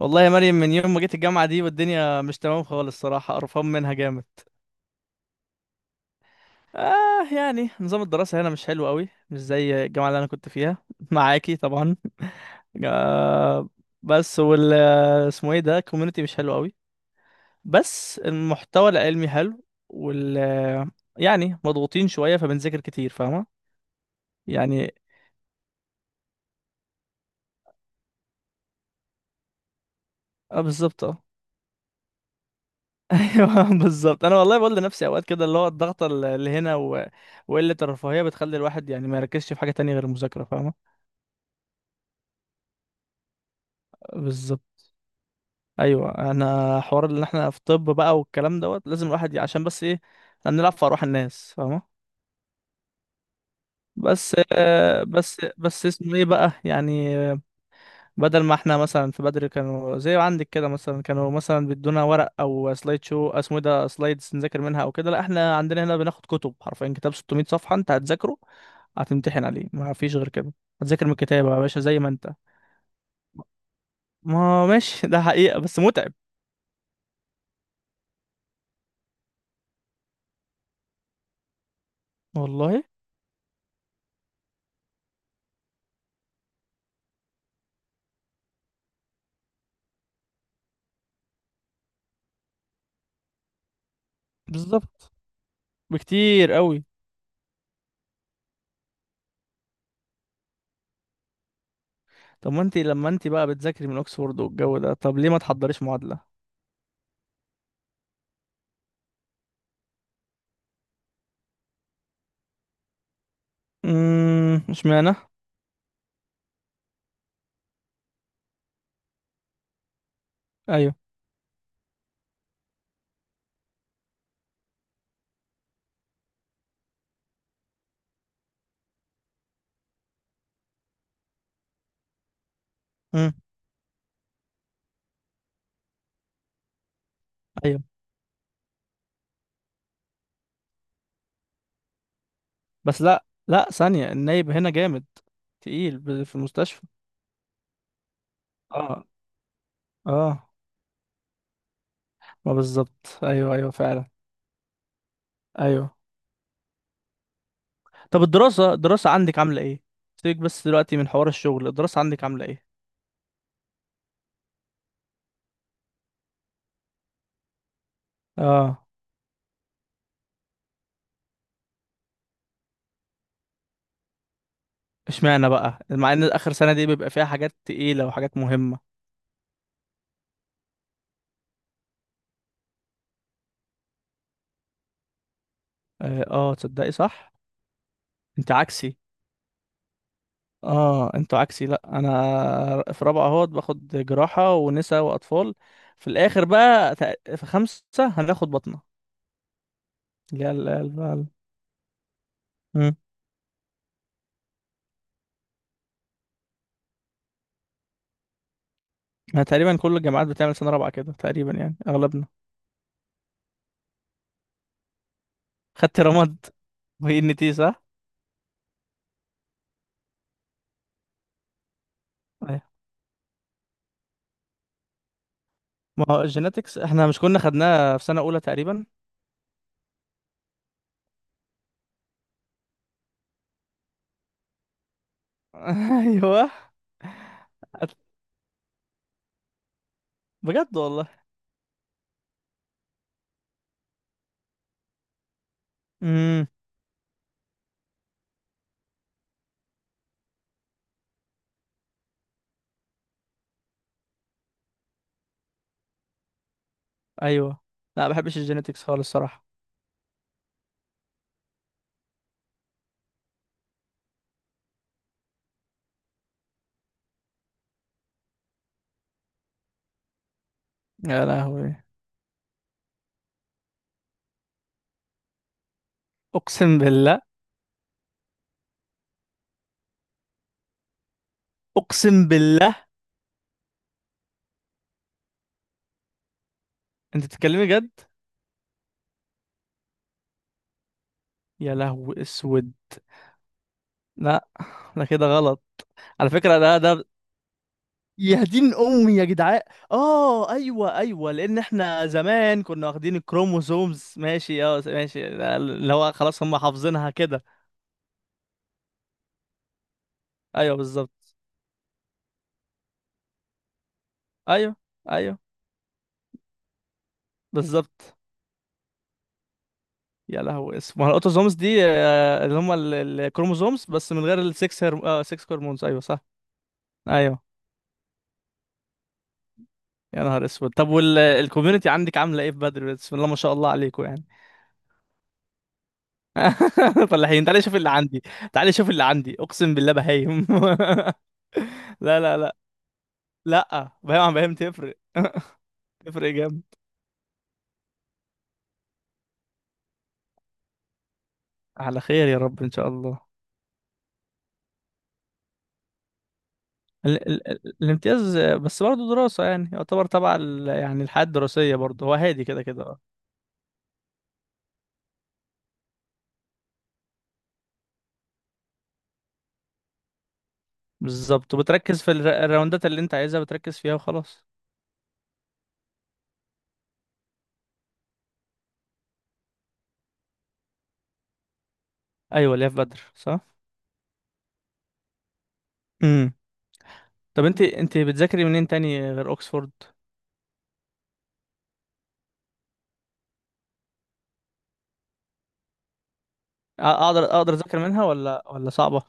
والله يا مريم، من يوم ما جيت الجامعة دي والدنيا مش تمام خالص. صراحة قرفان منها جامد. يعني نظام الدراسة هنا مش حلو قوي، مش زي الجامعة اللي أنا كنت فيها معاكي طبعا. آه. بس وال اسمه ايه ده، كوميونتي، مش حلو قوي. بس المحتوى العلمي حلو يعني مضغوطين شوية فبنذاكر كتير، فاهمة؟ يعني، اه بالظبط، آه. ايوه بالظبط. انا والله بقول لنفسي اوقات كده، اللي هو الضغط اللي هنا وقله الرفاهيه بتخلي الواحد يعني ما يركزش في حاجه تانية غير المذاكره، فاهمه؟ بالظبط. ايوه، انا حوار ان احنا في طب بقى، والكلام دوت لازم الواحد عشان بس ايه، إحنا بنلعب في ارواح الناس، فاهمه؟ بس آه، بس بس اسمه ايه بقى يعني. بدل ما احنا مثلا في بدري كانوا زي عندك كده، مثلا كانوا مثلا بيدونا ورق او سلايد، شو اسمه إيه ده، سلايدز، نذاكر منها او كده. لا احنا عندنا هنا بناخد كتب حرفيا، كتاب 600 صفحة انت هتذاكره، هتمتحن عليه، ما فيش غير كده. هتذاكر من الكتاب يا باشا زي ما انت. ما ماشي ده حقيقة بس متعب. والله. بالظبط. بكتير قوي. طب ما انت لما انت بقى بتذاكري من اوكسفورد والجو ده، طب ليه ما تحضريش معادلة؟ مش معنى. ايوه. امم ايوه. بس لا لا، ثانية، النايب هنا جامد تقيل في المستشفى. اه. اه. ما بالظبط، ايوه ايوه فعلا. ايوه. طب الدراسة عندك عاملة ايه؟ سيبك بس دلوقتي من حوار الشغل، الدراسة عندك عاملة ايه؟ اه. اشمعنى بقى؟ مع ان اخر سنة دي بيبقى فيها حاجات تقيلة وحاجات مهمة. اه، تصدقي صح؟ انت عكسي. اه، انتوا عكسي. لا، انا في رابعة اهوت باخد جراحة ونساء واطفال. في الاخر بقى في خمسة هناخد بطنة. اللي هي ال- ال- ال- مم. ما تقريبا كل الجامعات بتعمل سنة رابعة كده تقريبا يعني، أغلبنا. خدت رماد وهي ان تي صح؟ أيوة. ما هو الجيناتكس احنا مش كنا خدناها في سنة أولى تقريبا. أيوه. أت- بجد والله. امم. أيوه. لا ما بحبش الجيناتكس خالص الصراحة. يا لهوي. أقسم بالله. أقسم بالله. أنت بتتكلمي جد؟ يا لهوي أسود. لا. ده كده غلط. على فكرة ده. يا دين امي يا جدعان. اه ايوه ايوه، لان احنا زمان كنا واخدين الكروموسومز، ماشي، اه ماشي، اللي هو خلاص هم حافظينها كده. ايوه بالظبط. ايوه. ايوه بالظبط. يا لهوي، اسمها الاوتوزومز دي، اللي هم الكروموسومز بس من غير السكس اه، سكس هرمونز، ايوه صح. ايوه. يا نهار اسود، طب والكوميونتي عندك عامله ايه في بدر؟ بسم الله ما شاء الله عليكم يعني. فلاحين، تعالى شوف اللي عندي. تعالى شوف اللي عندي، اقسم بالله، بهايم لا لا. لا، بعيد عن بعيد، تفرق تفرق جامد. على خير يا رب، ان شاء الله. ال ال ال الامتياز، بس برضه دراسة يعني، يعتبر تبع يعني الحياة الدراسية برضه، هو هادي كده كده، اه. بالظبط، وبتركز في الراوندات اللي انت عايزها، بتركز فيها وخلاص. ايوه، اللي هي في بدر صح. امم. طب انت بتذاكري منين تاني غير اوكسفورد؟ اقدر اذاكر منها ولا صعبة؟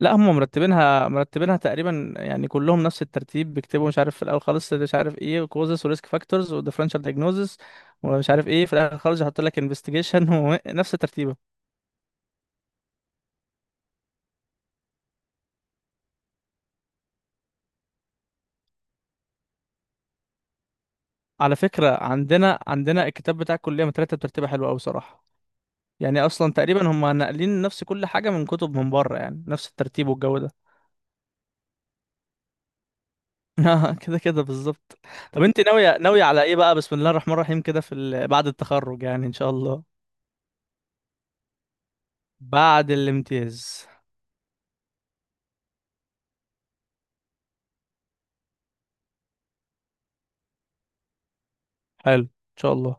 لا، هم مرتبينها تقريبا يعني، كلهم نفس الترتيب، بيكتبوا مش عارف في الاول خالص مش عارف ايه، كوزس، وريسك فاكتورز، وديفرنشال دايجنوزس، ومش عارف ايه في الاخر خالص يحط لك انفستيجيشن ونفس ترتيبه. على فكره عندنا الكتاب بتاع الكليه مترتب ترتيبه حلوه قوي صراحه. يعني اصلا تقريبا هم ناقلين نفس كل حاجه من كتب من بره يعني، نفس الترتيب والجو ده. كده كده بالظبط. طب انت ناويه على ايه بقى؟ بسم الله الرحمن الرحيم كده في بعد التخرج يعني، ان شاء الله؟ بعد الامتياز. حلو، ان شاء الله.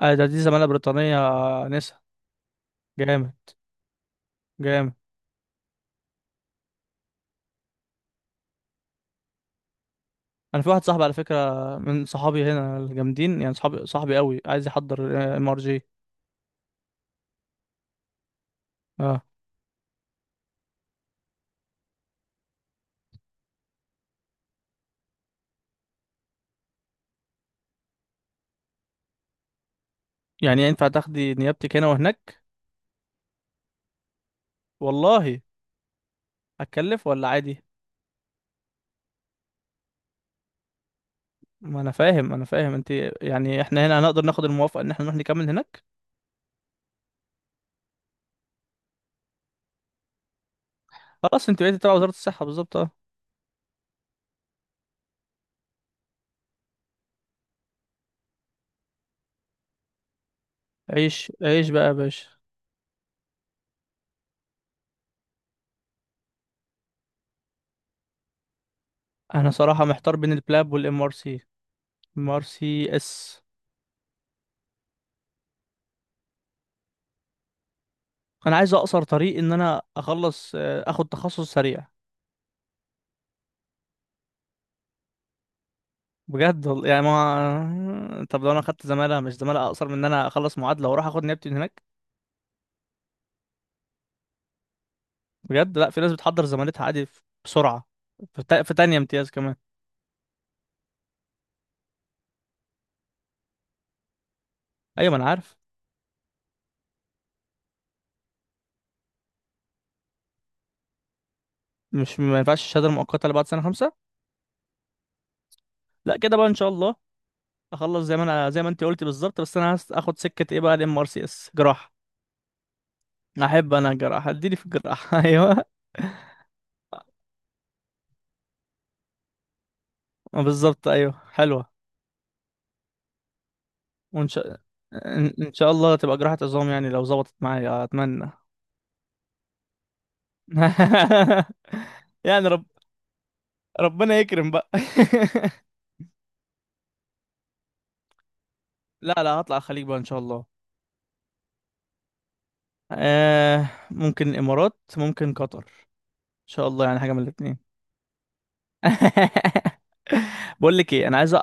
آه، ده دي زمالة بريطانية، نسا. جامد. جامد. انا في واحد صاحبي على فكرة، من صحابي هنا الجامدين يعني، صحابي، صاحبي قوي، عايز يحضر ام ار جي. اه. يعني ينفع تاخدي نيابتك هنا وهناك؟ والله. هتكلف ولا عادي؟ ما انا فاهم، انا فاهم انت. يعني احنا هنا هنقدر ناخد الموافقة ان احنا نروح نكمل هناك. خلاص انت بقيتي تبع وزارة الصحة، بالظبط اه. عيش عيش بقى يا باشا. انا صراحة محتار بين البلاب والام ار سي. ام ار سي اس. انا عايز اقصر طريق، ان انا اخلص، اخد تخصص سريع. بجد والله يعني. ما طب لو انا خدت زمالة، مش زمالة اقصر من ان انا اخلص معادلة واروح اخد نيابتي من هناك؟ بجد. لا، في ناس بتحضر زمالتها عادي بسرعة. في تانية امتياز كمان. ايوه ما انا عارف. مش ما ينفعش الشهادة المؤقتة اللي بعد سنة خمسة؟ لا، كده بقى ان شاء الله. اخلص زي ما انا، زي ما انت قلتي بالظبط، بس انا اخد سكة ايه بقى؟ الام ار سي اس جراحة. احب انا الجراحة، اديني في الجراحة ايوه. بالظبط، ايوه حلوة. وان شاء ان إن شاء الله تبقى جراحة عظام يعني لو ظبطت معايا، اتمنى. يعني، ربنا يكرم بقى. لا لا، هطلع الخليج بقى ان شاء الله. ممكن الامارات، ممكن قطر، ان شاء الله يعني، حاجه من الاثنين. بقول لك ايه، انا عايز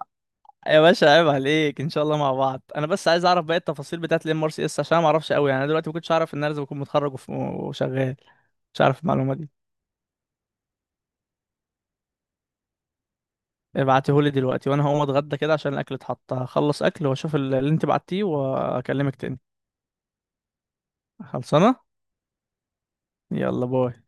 يا باشا عيب عليك، ان شاء الله مع بعض. انا بس عايز اعرف باقي التفاصيل بتاعت الام ار سي اس، عشان أنا ما اعرفش قوي يعني. انا دلوقتي ما كنتش اعرف ان انا لازم اكون متخرج وشغال، مش عارف المعلومه دي. ابعتهولي دلوقتي، وانا هقوم اتغدى كده عشان الاكل اتحط، هخلص اكل واشوف اللي انت بعتيه واكلمك تاني. خلصانه. يلا باي.